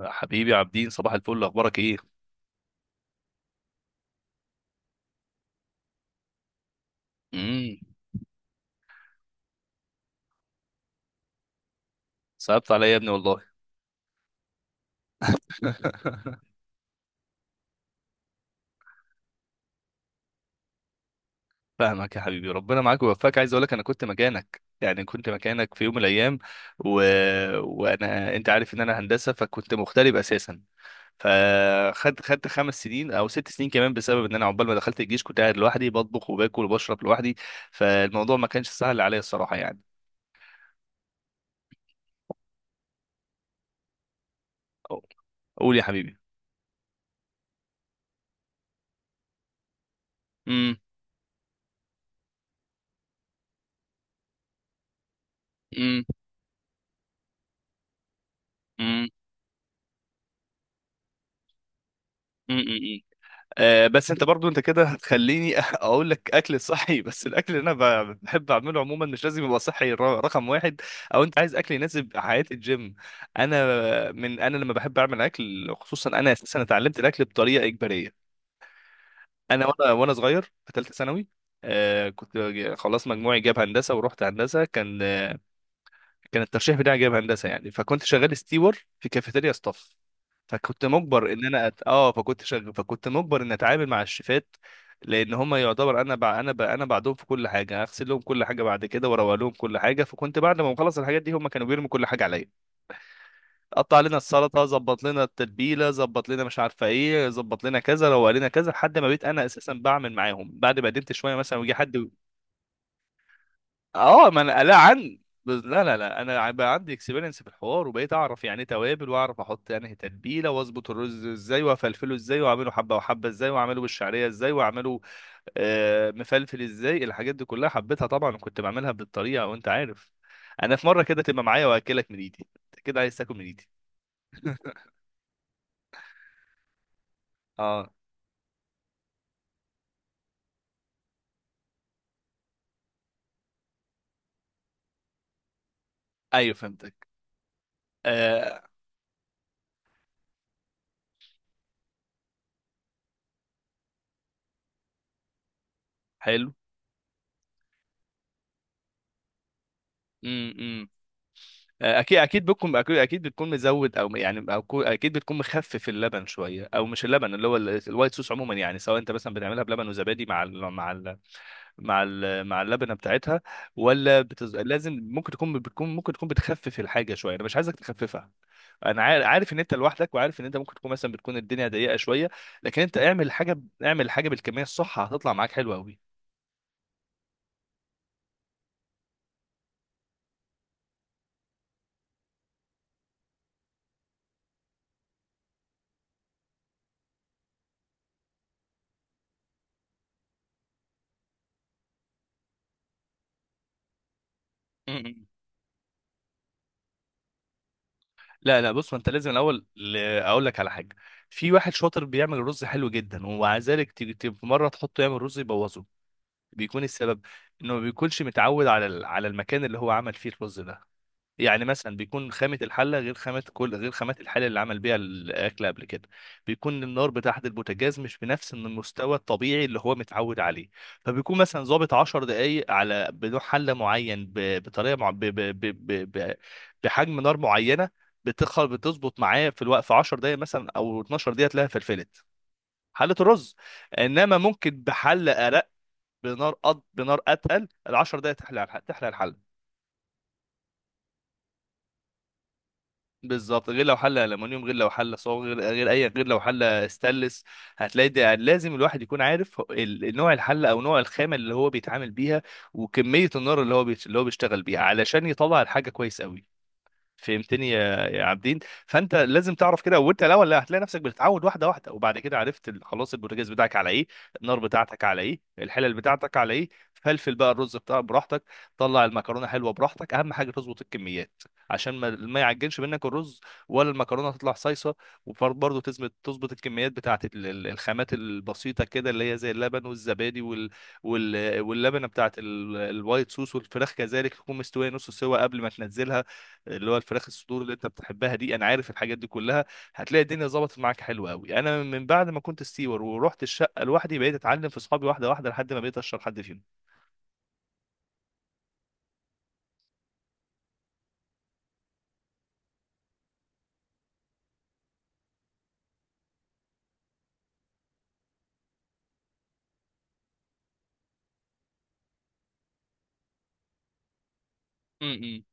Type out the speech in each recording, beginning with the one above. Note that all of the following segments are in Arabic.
حبيبي عابدين، صباح الفل. اخبارك ايه؟ امم. صعبت عليا يا ابني والله. فاهمك يا حبيبي، ربنا معاك ويوفقك. عايز اقول لك، انا كنت مكانك، يعني كنت مكانك في يوم من الايام. و... وانا انت عارف ان انا هندسه، فكنت مغترب اساسا. فخدت خدت خمس سنين او ست سنين كمان، بسبب ان انا عقبال ما دخلت الجيش كنت قاعد لوحدي بطبخ وباكل وبشرب لوحدي. فالموضوع ما كانش سهل عليا الصراحه يعني. أو- قول يا حبيبي. امم. امم. بس انت برضو انت كده هتخليني اقول لك اكل صحي، بس الاكل اللي انا بحب اعمله عموما مش لازم يبقى صحي، رقم واحد. او انت عايز اكل يناسب حياه الجيم. انا من انا لما بحب اعمل اكل، خصوصا انا اساسا اتعلمت الاكل بطريقه اجباريه. انا وانا صغير في ثالثه ثانوي. كنت خلاص مجموعي جاب هندسه ورحت هندسه. كان الترشيح بتاعي جايب هندسه يعني، فكنت شغال ستيور في كافيتيريا ستاف. فكنت مجبر ان انا أت... اه فكنت شغال، فكنت مجبر ان اتعامل مع الشيفات، لان هم يعتبر انا بع... انا ب... انا بعدهم في كل حاجه، اغسل لهم كل حاجه بعد كده، واروق لهم كل حاجه. فكنت بعد ما بخلص الحاجات دي هم كانوا بيرموا كل حاجه عليا. قطع لنا السلطه، ظبط لنا التتبيله، ظبط لنا مش عارفه ايه، ظبط لنا كذا، روق لنا كذا، لحد ما بقيت انا اساسا بعمل معاهم بعد ما قدمت شويه مثلا ويجي حد. اه، ما انا لا عن لا لا لا، بقى عندي اكسبيرينس في الحوار، وبقيت اعرف يعني ايه توابل، واعرف احط انهي تتبيله، واظبط الرز ازاي، وافلفله ازاي، واعمله حبه وحبه ازاي، واعمله بالشعريه ازاي، واعمله مفلفل ازاي. الحاجات دي كلها حبيتها طبعا، وكنت بعملها بالطريقه، وانت عارف انا في مره كده تبقى معايا واكلك من ايدي، انت كده عايز تاكل من ايدي. اه. ايوه فهمتك. آه حلو. إمم، إمم. اكيد اكيد بتكون مزود، او يعني اكيد بتكون مخفف اللبن شويه، او مش اللبن، اللي هو الوايت صوص. عموما يعني، سواء انت مثلا بتعملها بلبن وزبادي مع ال مع ال مع ال مع اللبنه بتاعتها، لازم. ممكن تكون بتخفف الحاجه شويه، انا مش عايزك تخففها. عارف ان انت لوحدك، وعارف ان انت ممكن تكون مثلا بتكون الدنيا ضيقه شويه. لكن انت اعمل حاجه، اعمل حاجه بالكميه الصح، هتطلع معاك حلوه قوي. لا لا، بص، ما انت لازم الاول اقول لك على حاجه. في واحد شاطر بيعمل رز حلو جدا، ومع ذلك تيجي في مره تحطه يعمل رز يبوظه. بيكون السبب انه ما بيكونش متعود على على المكان اللي هو عمل فيه الرز ده. يعني مثلا بيكون خامة الحلة غير خامة كل غير خامات الحلة اللي عمل بيها الأكل قبل كده. بيكون النار بتاعة البوتاجاز مش بنفس إن المستوى الطبيعي اللي هو متعود عليه. فبيكون مثلا ظابط 10 دقايق على بنوع حلة معين، بطريقة مع... ب... ب... ب... ب... ب- بحجم نار معينة. بتخل بتظبط معاه في الوقت في 10 دقايق مثلا أو 12 دقيقة تلاقيها فلفلت حلة الرز. إنما ممكن بحلة أرق، بنار بنار أتقل، ال 10 دقايق تحلى تحلى الحلة. بالظبط، غير لو حله المونيوم، غير لو حله صاج، غير غير اي غير لو حله ستانلس. هتلاقي ده لازم الواحد يكون عارف نوع الحله او نوع الخامه اللي هو بيتعامل بيها، وكميه النار اللي هو اللي هو بيشتغل بيها علشان يطلع الحاجه كويس قوي. فهمتني يا عابدين؟ فانت لازم تعرف كده، وانت الاول لا، هتلاقي نفسك بتتعود واحده واحده، وبعد كده عرفت خلاص البوتاجاز بتاعك على ايه، النار بتاعتك على ايه، الحلل بتاعتك على ايه، فلفل بقى الرز بتاعك براحتك، طلع المكرونه حلوه براحتك. اهم حاجه تظبط الكميات، عشان ما يعجنش منك الرز ولا المكرونه تطلع صيصه. وبرضه تظبط تظبط الكميات بتاعت الخامات البسيطه كده، اللي هي زي اللبن والزبادي واللبنه بتاعت الوايت صوص. والفراخ كذلك تكون مستويه نص سوا قبل ما تنزلها، اللي هو الفراخ الصدور اللي انت بتحبها دي، انا عارف الحاجات دي كلها. هتلاقي الدنيا ظبطت معاك حلو قوي. انا من بعد ما كنت ستيور ورحت الشقه لوحدي بقيت اتعلم في اصحابي واحده واحده، لحد ما بقيت اشهر حد فيهم. امم.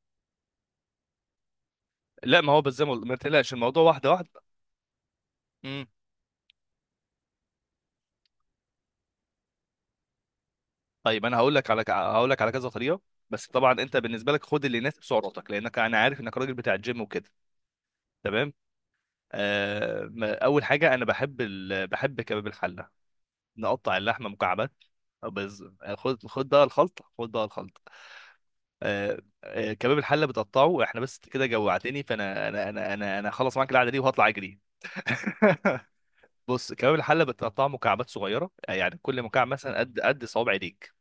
لا، ما هو بس زي ما ما تقلقش، الموضوع واحده واحده. امم. طيب، انا هقول لك على كذا طريقه، بس طبعا انت بالنسبه لك خد اللي يناسب سعراتك، لانك انا عارف انك راجل بتاع الجيم وكده. تمام. آه اول حاجه انا بحب كباب الحله. نقطع اللحمه مكعبات. بز... خد بقى الخلطه، خد بقى الخلطه. كباب الحله بتقطعه احنا. بس كده جوعتني، فانا انا انا انا انا هخلص معاك القعده دي وهطلع اجري. بص، كباب الحله بتقطعه مكعبات صغيره، يعني كل مكعب مثلا قد صوابع ايديك.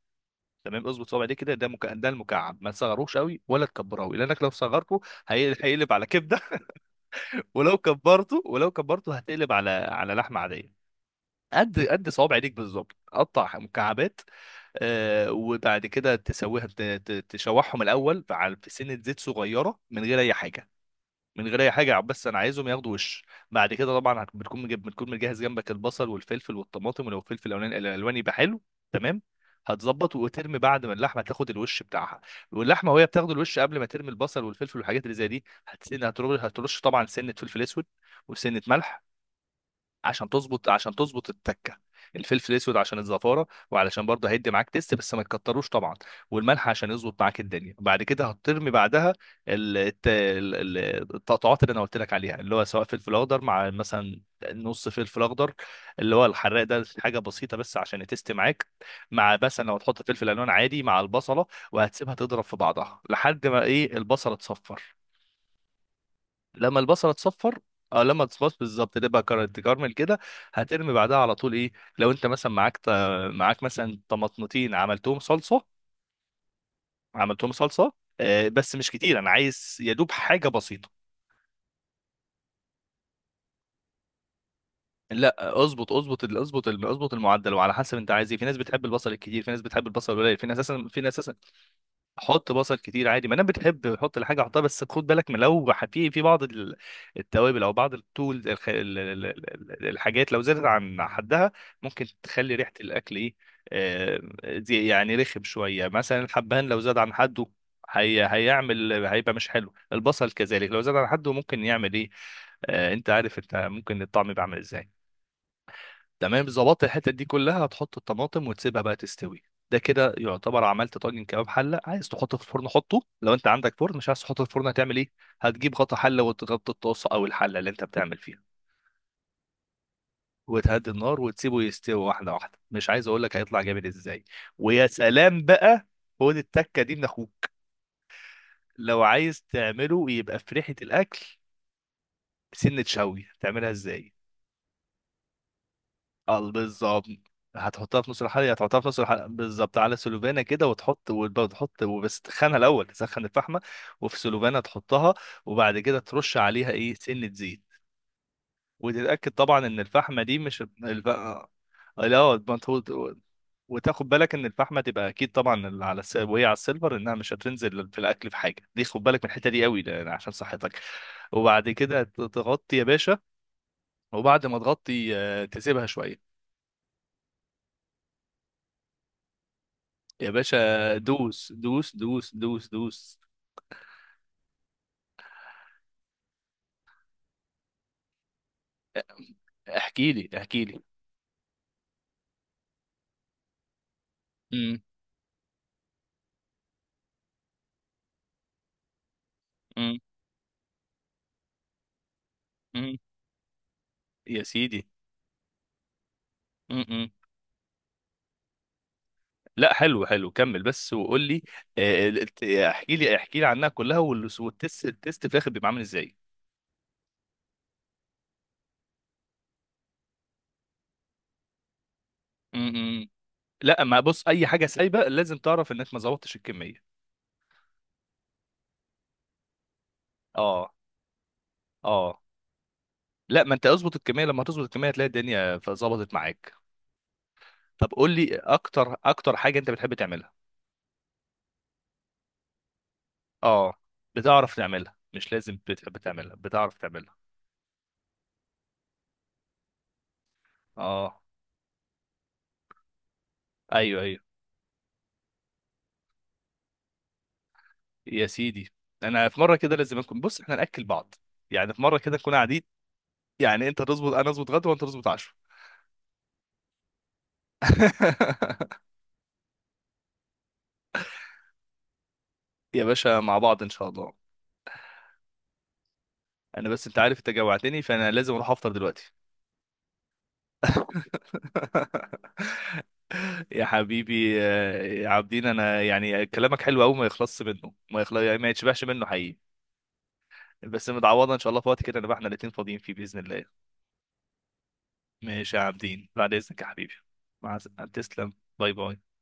تمام، اظبط صوابع ايديك كده، ده مكعب، ده المكعب. ما تصغروش قوي ولا تكبروه قوي، لانك لو صغرته هيقلب على كبده. ولو كبرته، ولو كبرته هتقلب على على لحمه عاديه. قد صوابع ايدك بالظبط، قطع مكعبات. وبعد كده تسويها تشوحهم الاول في سنه زيت صغيره، من غير اي حاجه، من غير اي حاجه، بس انا عايزهم ياخدوا وش. بعد كده طبعا بتكون مجيب، بتكون مجهز جنبك البصل والفلفل والطماطم، ولو الفلفل الالواني يبقى حلو. تمام، هتظبط وترمي بعد ما اللحمه تاخد الوش بتاعها. واللحمه وهي بتاخد الوش، قبل ما ترمي البصل والفلفل والحاجات اللي زي دي، هتسن هترش هترش طبعا سنه فلفل اسود، وسنه ملح، عشان تظبط التكه. الفلفل الاسود عشان الزفاره، وعلشان برضه هيدي معاك تيست، بس ما تكتروش طبعا. والملح عشان يظبط معاك الدنيا. بعد كده هترمي بعدها ال- الت- ال- ال- التقطعات اللي انا قلت لك عليها، اللي هو سواء فلفل اخضر، مع مثلا نص فلفل اخضر اللي هو الحراق ده، حاجه بسيطه بس عشان يتست معاك، مع مثلا لو هتحط فلفل الوان عادي مع البصله. وهتسيبها تضرب في بعضها لحد ما ايه البصله تصفر. لما البصله تصفر، او لما تصبص بالظبط، تبقى تكرمل كده. هترمي بعدها على طول ايه، لو انت مثلا معاك معاك مثلا طماطمتين عملتهم صلصه، عملتهم صلصه بس مش كتير، انا عايز يا دوب حاجه بسيطه. لا، اظبط المعدل، وعلى حسب انت عايز ايه. في ناس بتحب البصل الكتير، في ناس بتحب البصل القليل، في ناس اساسا، في ناس اساسا حط بصل كتير عادي. ما انا بتحب حط الحاجه، حطها. بس خد بالك من لو في بعض التوابل، او بعض التول الحاجات، لو زادت عن حدها ممكن تخلي ريحه الاكل ايه، آه، دي يعني رخم شويه. مثلا الحبهان لو زاد عن حده، هي هيعمل هيبقى مش حلو. البصل كذلك لو زاد عن حده ممكن يعمل ايه، انت عارف، انت ممكن الطعم يبقى عامل ازاي. تمام، ظبطت الحته دي كلها، هتحط الطماطم وتسيبها بقى تستوي. ده كده يعتبر عملت طاجن كباب حله. عايز تحطه في الفرن حطه لو انت عندك فرن، مش عايز تحطه في الفرن هتعمل ايه؟ هتجيب غطا حله وتغطي الطاسه او الحله اللي انت بتعمل فيها، وتهدي النار، وتسيبه يستوي واحده واحده، مش عايز اقول لك هيطلع جامد ازاي. ويا سلام بقى، خد التكه دي من اخوك. لو عايز تعمله يبقى في ريحه الاكل، سنه شوي تعملها ازاي؟ اه بالظبط. هتحطها في نص الحلقة، هتحطها في نص الحلقة بالظبط، على سلوفانة كده، وتحط وتحط وبس، تخنها الأول، تسخن الفحمة. وفي سلوفانة تحطها، وبعد كده ترش عليها إيه سنة زيت. وتتأكد طبعا إن الفحمة دي مش الف... آه، لا، ما تحط- وتاخد بالك إن الفحمة تبقى أكيد طبعا وهي على السيلفر، إنها مش هتنزل في الأكل في حاجة. دي خد بالك من الحتة دي قوي، عشان صحتك. وبعد كده تغطي يا باشا، وبعد ما تغطي تسيبها شوية. يا باشا دوس دوس دوس دوس دوس. احكي لي احكي لي. امم. امم. امم. يا سيدي. امم. لا، حلو حلو، كمل بس وقول لي، احكي لي احكي لي عنها كلها، والتست في الاخر بيبقى عامل ازاي. امم. لا، ما بص، اي حاجه سايبه لازم تعرف انك ما ظبطتش الكميه. اه. اه. لا، ما انت اظبط الكميه، لما تظبط الكميه هتلاقي الدنيا فظبطت معاك. طب قول لي اكتر اكتر حاجه انت بتحب تعملها. اه، بتعرف تعملها، مش لازم بتحب تعملها، بتعرف تعملها. اه. ايوه ايوه. يا سيدي. انا في مره كده لازم اكون، بص احنا ناكل بعض، يعني في مره كده نكون قاعدين، يعني انت تظبط انا اظبط غدا وانت تظبط عشاء. يا باشا مع بعض ان شاء الله. انا بس انت عارف انت جوعتني، فانا لازم اروح افطر دلوقتي. يا حبيبي، يا عابدين، انا يعني كلامك حلو قوي، ما يخلصش منه، ما يخلص يعني، ما يتشبعش منه حقيقي. بس متعوضه ان شاء الله في وقت كده نبقى احنا الاتنين فاضيين فيه باذن الله. ماشي يا عابدين، بعد إذنك يا حبيبي. مع السلامة، تسلم. باي باي.